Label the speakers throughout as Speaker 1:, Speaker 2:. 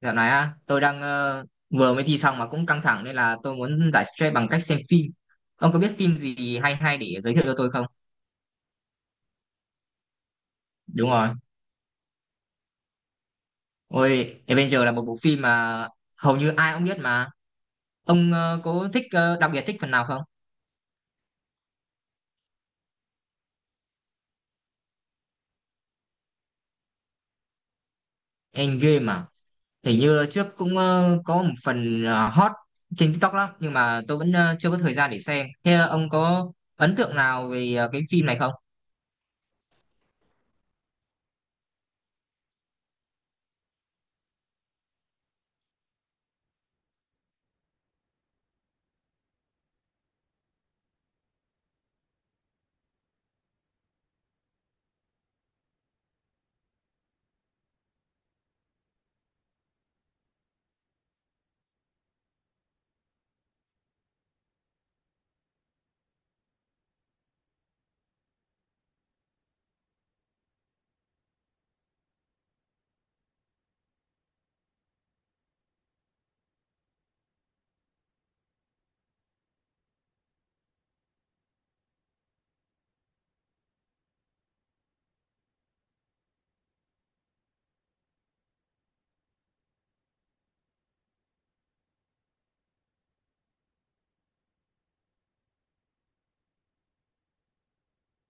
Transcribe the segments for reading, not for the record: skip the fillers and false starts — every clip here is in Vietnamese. Speaker 1: Dạo này á, tôi đang vừa mới thi xong mà cũng căng thẳng nên là tôi muốn giải stress bằng cách xem phim. Ông có biết phim gì hay hay để giới thiệu cho tôi không? Đúng rồi. Ôi, Avenger là một bộ phim mà hầu như ai cũng biết mà. Ông có thích đặc biệt thích phần nào không? Endgame à? Hình như trước cũng có một phần hot trên TikTok lắm nhưng mà tôi vẫn chưa có thời gian để xem. Thế ông có ấn tượng nào về cái phim này không?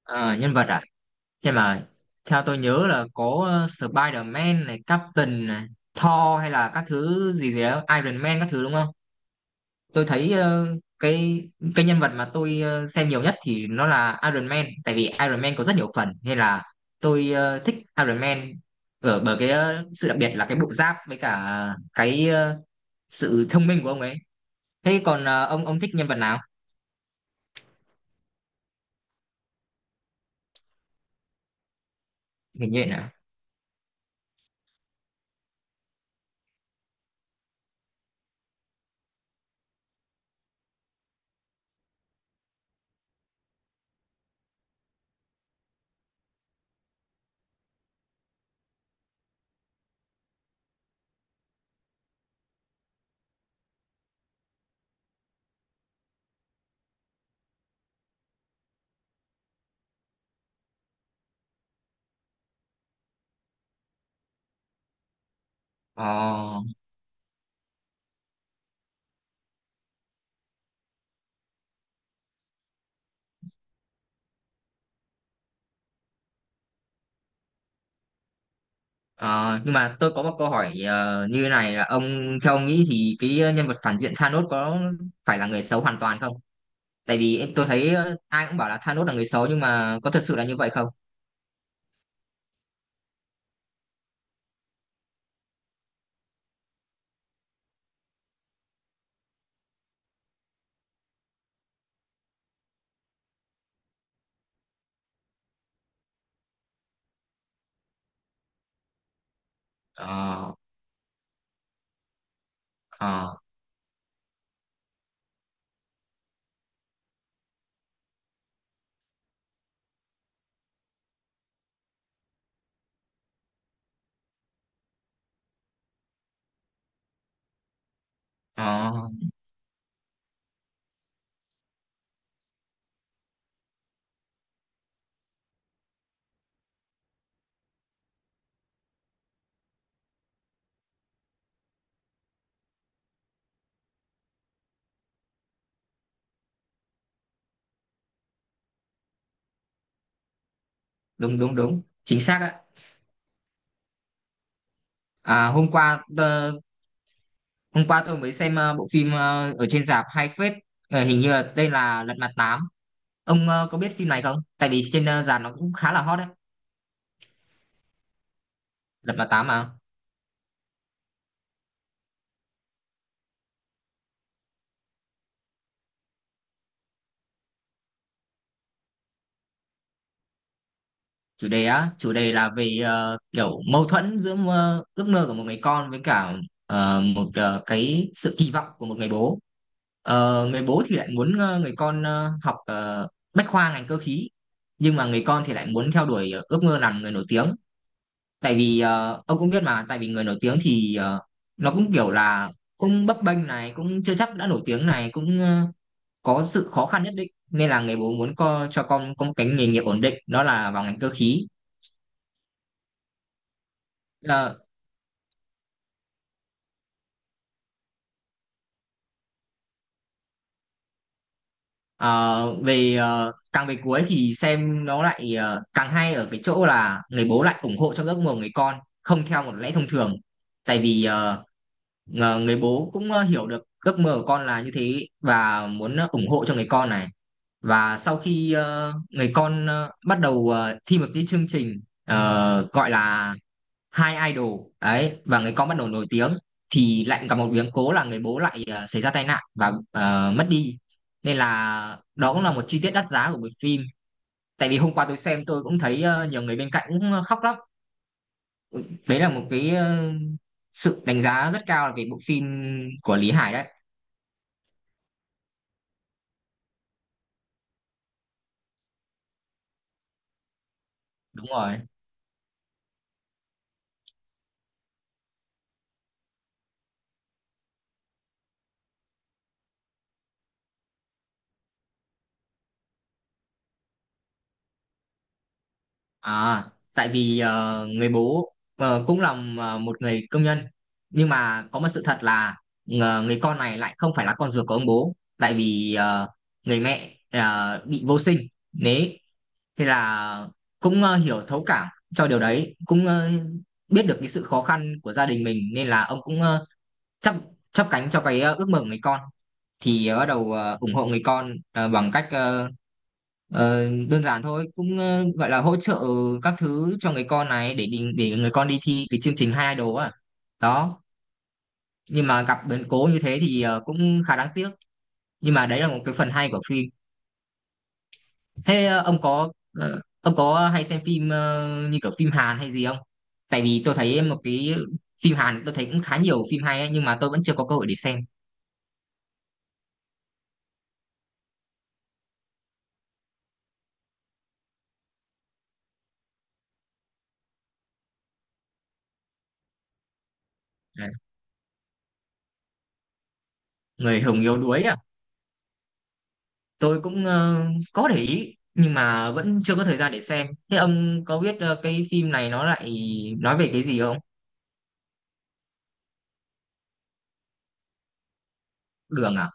Speaker 1: Ờ, Nhân vật à? Nhưng mà theo tôi nhớ là có Spider-Man này, Captain này, Thor hay là các thứ gì gì đó, Iron Man các thứ đúng không? Tôi thấy cái cái nhân vật mà tôi xem nhiều nhất thì nó là Iron Man, tại vì Iron Man có rất nhiều phần nên là tôi thích Iron Man ở bởi cái sự đặc biệt là cái bộ giáp với cả cái sự thông minh của ông ấy. Thế còn ông thích nhân vật nào? Hình như là. Ồ. Ờ, nhưng mà tôi có một câu hỏi như này là ông theo ông nghĩ thì cái nhân vật phản diện Thanos có phải là người xấu hoàn toàn không? Tại vì em tôi thấy ai cũng bảo là Thanos là người xấu nhưng mà có thật sự là như vậy không? Ờ, ờ, ờ, đúng đúng đúng, chính xác ạ. À, hôm qua hôm qua tôi mới xem bộ phim ở trên rạp hay phết. Hình như là tên là Lật Mặt Tám. Ông có biết phim này không? Tại vì trên rạp nó cũng khá là hot đấy, Lật Mặt Tám mà. Chủ đề á, chủ đề là về kiểu mâu thuẫn giữa mơ, ước mơ của một người con với cả một cái sự kỳ vọng của một người bố. Người bố thì lại muốn người con học bách khoa ngành cơ khí, nhưng mà người con thì lại muốn theo đuổi ước mơ làm người nổi tiếng. Tại vì ông cũng biết mà, tại vì người nổi tiếng thì nó cũng kiểu là cũng bấp bênh này, cũng chưa chắc đã nổi tiếng này, cũng có sự khó khăn nhất định, nên là người bố muốn co, cho con có một cái nghề nghiệp ổn định đó là vào ngành cơ khí. Ờ, Ờ, Về càng về cuối thì xem nó lại càng hay ở cái chỗ là người bố lại ủng hộ trong giấc mơ của người con, không theo một lẽ thông thường, tại vì ngờ- người bố cũng hiểu được giấc mơ của con là như thế và muốn ủng hộ cho người con này. Và sau khi người con bắt đầu thi một cái chương trình gọi là hai idol ấy và người con bắt đầu nổi tiếng, thì lại gặp một biến cố là người bố lại xảy ra tai nạn và mất đi, nên là đó cũng là một chi tiết đắt giá của bộ phim. Tại vì hôm qua tôi xem tôi cũng thấy nhiều người bên cạnh cũng khóc lắm. Đấy là một cái sự đánh giá rất cao về bộ phim của Lý Hải đấy. Đúng rồi. À, tại vì người bố cũng là một người công nhân, nhưng mà có một sự thật là người con này lại không phải là con ruột của ông bố, tại vì người mẹ bị vô sinh. Đấy, thế là cũng hiểu thấu cảm cho điều đấy, cũng biết được cái sự khó khăn của gia đình mình nên là ông cũng chấp chấp cánh cho cái ước mơ của người con. Thì bắt đầu ủng hộ người con bằng cách đơn giản thôi, cũng gọi là hỗ trợ các thứ cho người con này để đi- để người con đi thi cái chương trình hai đồ á. Đó, nhưng mà gặp biến cố như thế thì cũng khá đáng tiếc, nhưng mà đấy là một cái phần hay của phim. Thế ông có ông có hay xem phim như kiểu phim Hàn hay gì không? Tại vì tôi thấy một cái phim Hàn tôi thấy cũng khá nhiều phim hay ấy, nhưng mà tôi vẫn chưa có cơ hội để xem. Đấy, người hùng yếu đuối à, tôi cũng có để ý nhưng mà vẫn chưa có thời gian để xem. Thế ông có biết cái phim này nó lại nói về cái gì không? Đường à?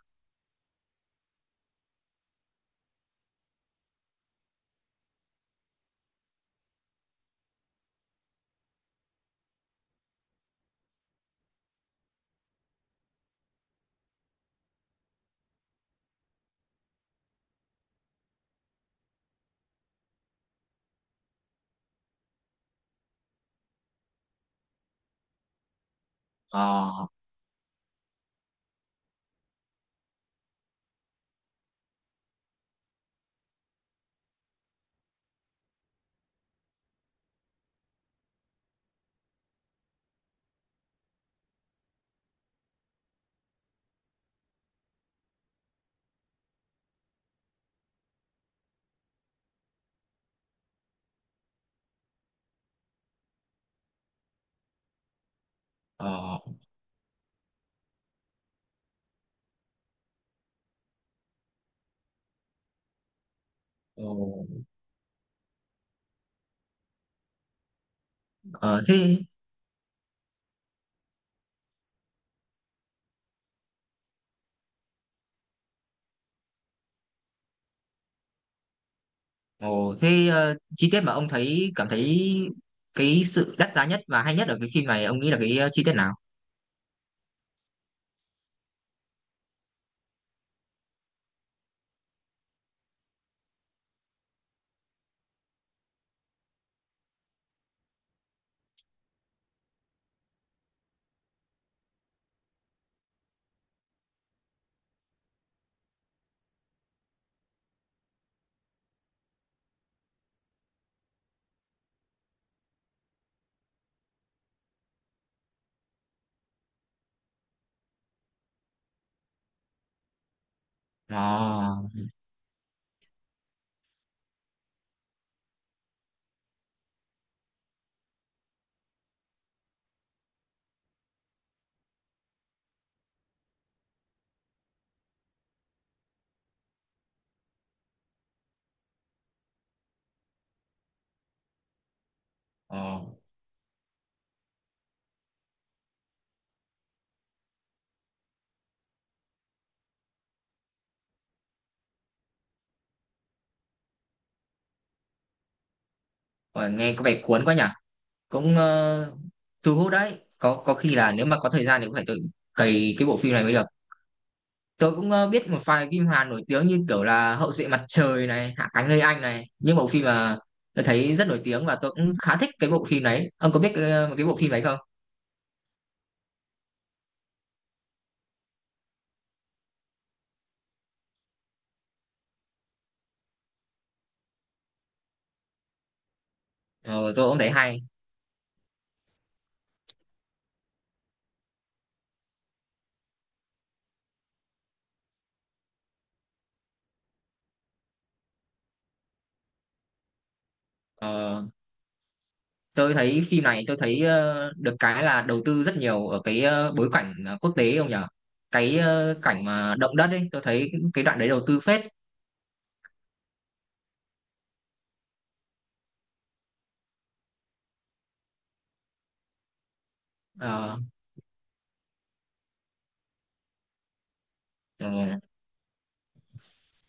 Speaker 1: ờ ờ Ồ. ờ Thế. Ồ, thế chi tiết mà ông thấy cảm thấy cái sự đắt giá nhất và hay nhất ở cái phim này ông nghĩ là cái chi tiết nào? ờ ờ Ôi, nghe có vẻ cuốn quá nhỉ, cũng thu hút đấy. Có khi là nếu mà có thời gian thì cũng phải tự cày cái bộ phim này mới được. Tớ cũng biết một vài phim Hàn nổi tiếng như kiểu là Hậu duệ mặt trời này, Hạ cánh nơi anh này, những bộ phim mà tớ thấy rất nổi tiếng và tớ cũng khá thích cái bộ phim đấy. Ông có biết một cái bộ phim đấy không? Ờ, tôi cũng thấy hay. Ờ, tôi thấy phim này tôi thấy được cái là đầu tư rất nhiều ở cái bối cảnh quốc tế ông nhở? Cái cảnh mà động đất ấy, tôi thấy cái đoạn đấy đầu tư phết. Ờ, ờ,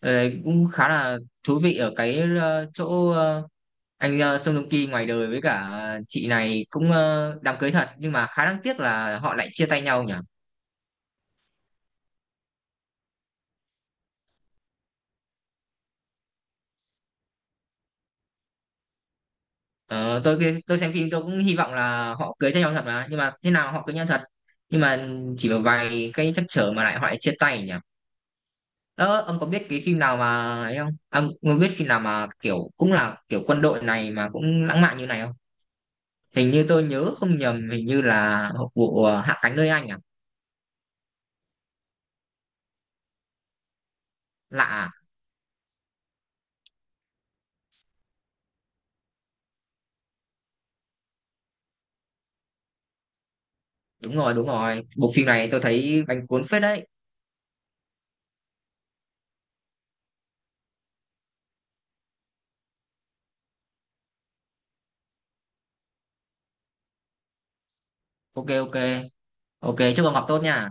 Speaker 1: ờ, cũng khá là thú vị ở cái chỗ anh Song Joong Ki ngoài đời với cả chị này cũng đám cưới thật, nhưng mà khá đáng tiếc là họ lại chia tay nhau nhỉ. Ờ, tôi xem phim tôi cũng hy vọng là họ cưới nhau thật mà, nhưng mà thế nào họ cưới nhau thật, nhưng mà chỉ một vài cái trắc trở mà lại họ lại chia tay nhỉ. Ờ, ông có biết cái phim nào mà ấy không, ông có biết phim nào mà kiểu cũng là kiểu quân đội này mà cũng lãng mạn như này không? Hình như tôi nhớ không nhầm, hình như là vụ Hạ cánh nơi anh à. Lạ à? Đúng rồi, đúng rồi, bộ phim này tôi thấy bánh cuốn phết đấy. Ok, ok. Ok, chúc ông học tốt nha.